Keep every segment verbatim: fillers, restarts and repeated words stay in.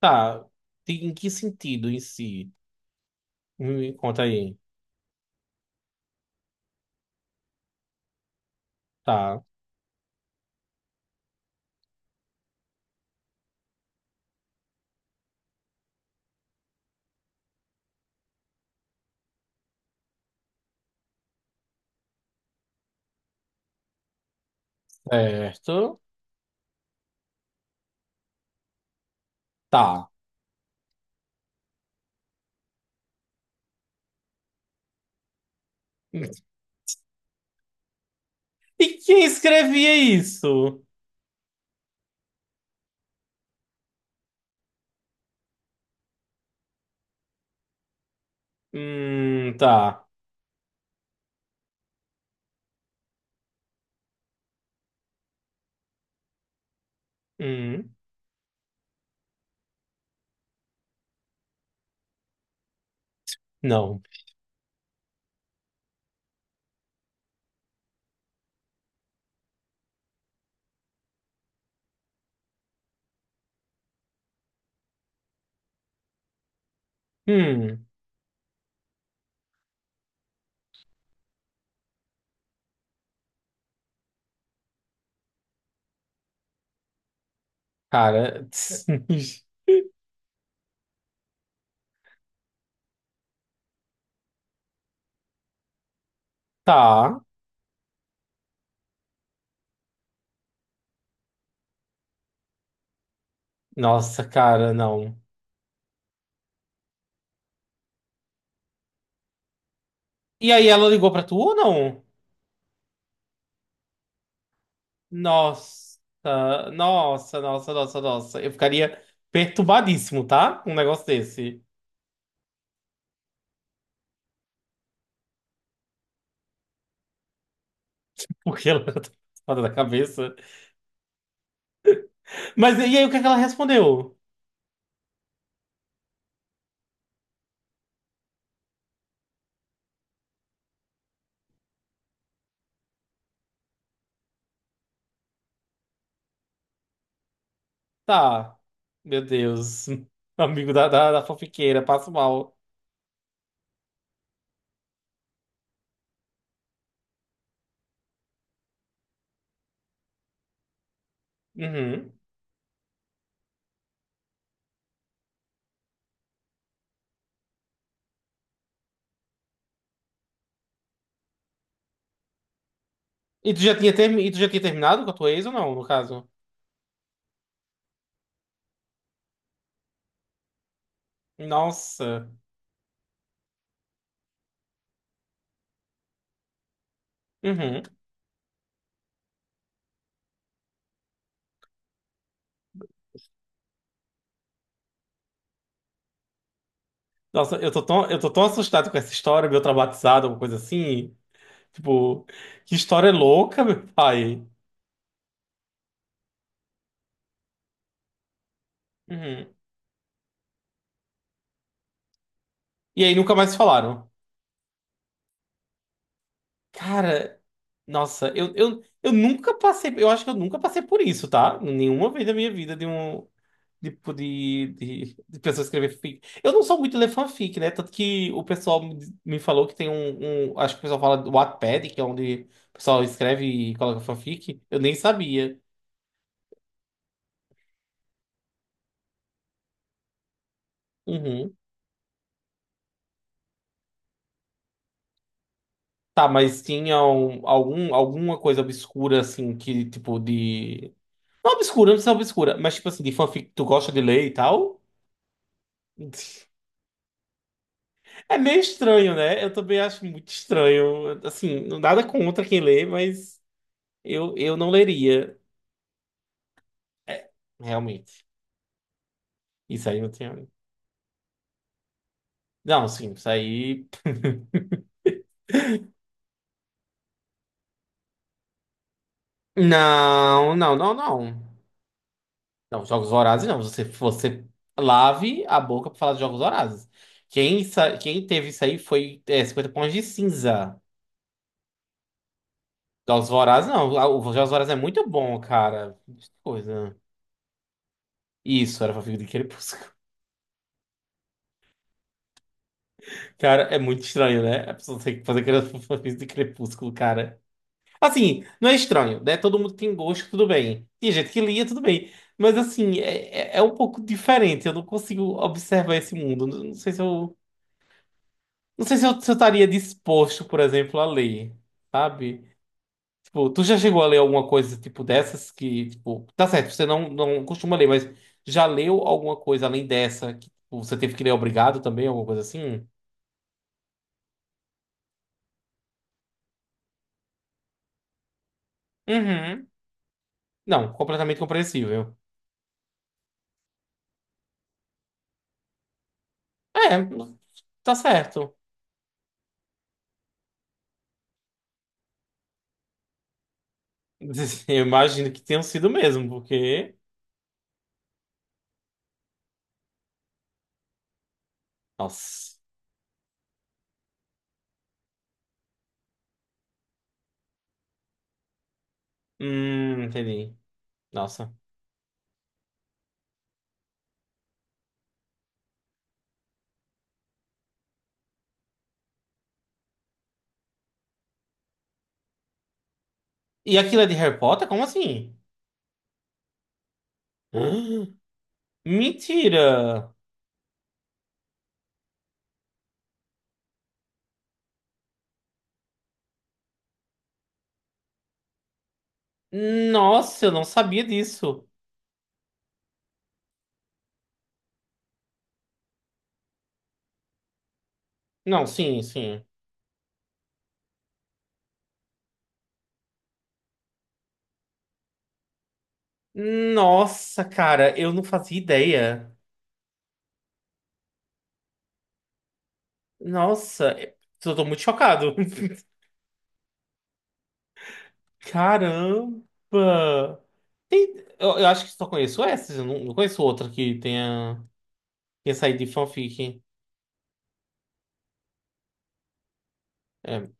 Tá. Em que sentido em si? Me conta aí. Tá. Certo. Tá. E quem escrevia isso? Hum, tá. Hum, não. Hum, cara. Tá. Nossa, cara, não. E aí, ela ligou pra tu ou não? Nossa, nossa, nossa, nossa, nossa. Eu ficaria perturbadíssimo, tá? Com um negócio desse. Porque ela tá fora da cabeça. Mas e aí, o que é que ela respondeu? Tá. Meu Deus. Amigo da, da, da fofiqueira, passo mal. Uhum. E tu já tinha, termi... e tu já tinha terminado com a tua ex ou não, no caso? Nossa. Uhum. Nossa, eu tô tão, eu tô tão assustado com essa história, meio traumatizado, alguma coisa assim. Tipo, que história louca, meu pai. Uhum. E aí nunca mais se falaram. Cara, nossa, eu, eu, eu nunca passei. Eu acho que eu nunca passei por isso, tá? Nenhuma vez da minha vida de um. Tipo de, de, de pessoa escrever fic. Eu não sou muito ler fanfic, né? Tanto que o pessoal me me falou que tem um, um- acho que o pessoal fala do Wattpad, que é onde o pessoal escreve e coloca fanfic. Eu nem sabia. Uhum. Tá, mas tinha um- algum, alguma coisa obscura, assim, que tipo de. Não obscura, não precisa ser obscura, mas tipo assim, de fanfic que tu gosta de ler e tal. É meio estranho, né? Eu também acho muito estranho. Assim, nada contra quem lê, mas eu, eu não leria. É, realmente. Isso aí não tinha. Não, sim, isso aí. Não, não, não, não. Não, Jogos Vorazes não. Você, você lave a boca pra falar de Jogos Vorazes. Quem, sa- quem teve isso aí foi é, cinquenta pontos de cinza. Jogos Vorazes não. Ah, o Jogos Vorazes é muito bom, cara. Que coisa. Isso, era fanfic de Crepúsculo. Cara, é muito estranho, né? A pessoa tem que fazer aquela fanfic de Crepúsculo, cara. Assim, não é estranho, né? Todo mundo tem gosto, tudo bem. Tem gente que lia, tudo bem. Mas assim, é, é é um pouco diferente. Eu não consigo observar esse mundo. Não não sei se eu, não sei se eu, se eu estaria disposto, por exemplo, a ler, sabe? Tipo, tu já chegou a ler alguma coisa tipo dessas que, tipo, tá certo, você não, não costuma ler, mas já leu alguma coisa além dessa que tipo, você teve que ler obrigado também, alguma coisa assim? Uhum. Não, completamente compreensível. É, tá certo. Eu imagino que tenham sido mesmo, porque. Nossa. Hum, entendi. Nossa. E aquilo é de Harry Potter? Como assim? Mentira! Nossa, eu não sabia disso. Não, sim, sim. Nossa, cara, eu não fazia ideia. Nossa, eu tô muito chocado. Caramba! Tem- Eu, eu acho que só conheço essas, eu não, não conheço outra que tenha, tenha saído de fanfic. É,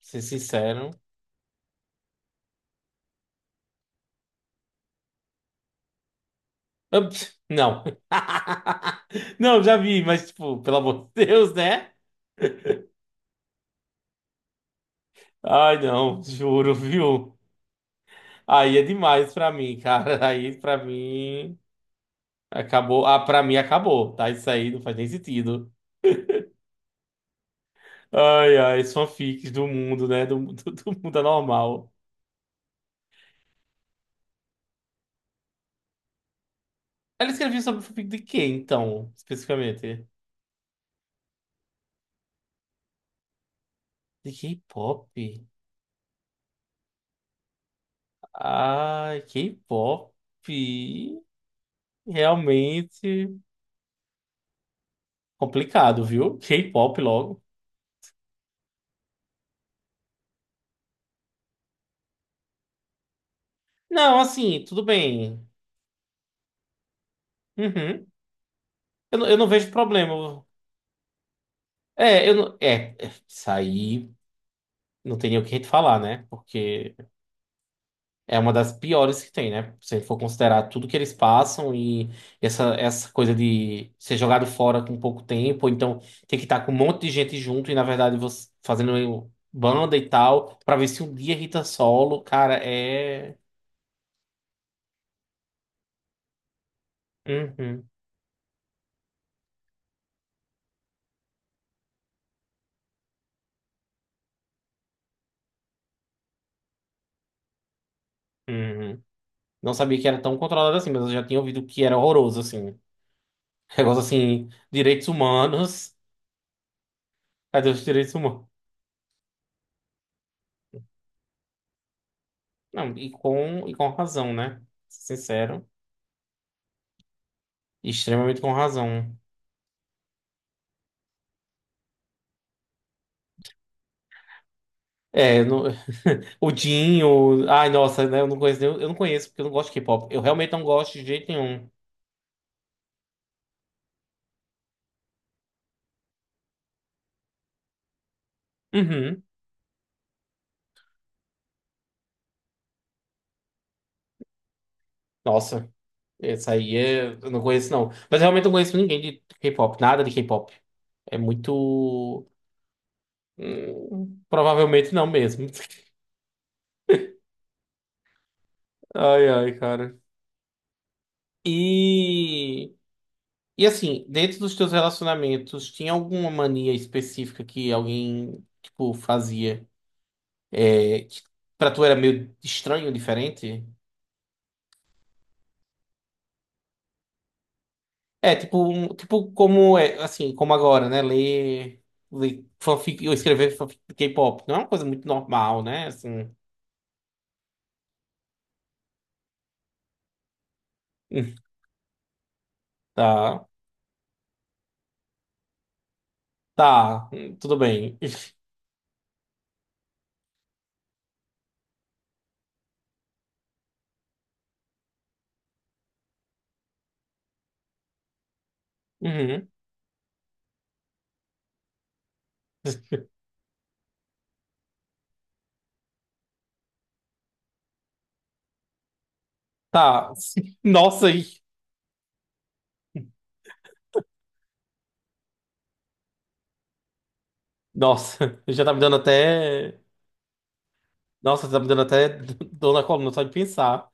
ser sincero. Ah, pss, não. Não, já vi, mas, tipo, pelo amor de Deus, né? Ai, não, juro, viu? Aí é demais pra mim, cara. Aí pra mim acabou. Ah, pra mim acabou, tá? Isso aí não faz nem sentido. Ai, ai, os fanfics do mundo, né? Do, do, do mundo anormal. Ela escreveu sobre fanfic de quem, então, especificamente? De K-pop? Ai, K-pop. Realmente complicado, viu? K-pop logo. Não, assim, tudo bem. Uhum. Eu, não- eu não vejo problema. É, eu não. É, é, isso aí não tem nem o que te falar, né? Porque é uma das piores que tem, né? Se a gente for considerar tudo que eles passam e essa, essa coisa de ser jogado fora com pouco tempo, ou então ter que estar com um monte de gente junto e, na verdade, você fazendo banda e tal, pra ver se um dia Rita solo, cara, é. Uhum, uhum. Não sabia que era tão controlado assim, mas eu já tinha ouvido que era horroroso, assim. Negócio assim, direitos humanos, cadê os direitos humanos? Não, e com, e com razão, né? Sincero, extremamente com razão. É, no- o Dinho, ai, nossa, né, eu não conheço, nem- eu não conheço porque eu não gosto de K-pop. Eu realmente não gosto de jeito nenhum. Uhum. Nossa, essa aí é, eu não conheço não. Mas realmente não conheço ninguém de K-pop, nada de K-pop. É muito. Hum, provavelmente não mesmo. Ai, ai, cara. E. E assim, dentro dos teus relacionamentos, tinha alguma mania específica que alguém, tipo, fazia? É, que pra tu era meio estranho, diferente? É, tipo, um- tipo como é, assim, como agora, né? Ler, ler fanfic, eu escrever fanfic de K-pop. Não é uma coisa muito normal, né? Assim, tá, tá, hum, tudo bem. Uhum. Tá, nossa, aí. Nossa, já tá me dando até. Nossa, tá me dando até dor na coluna só de pensar.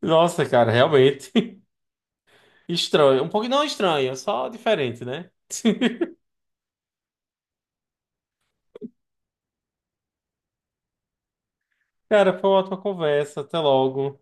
Nossa, cara, realmente. Estranho. Um pouco não estranho, só diferente, né? Cara, foi uma ótima conversa. Até logo.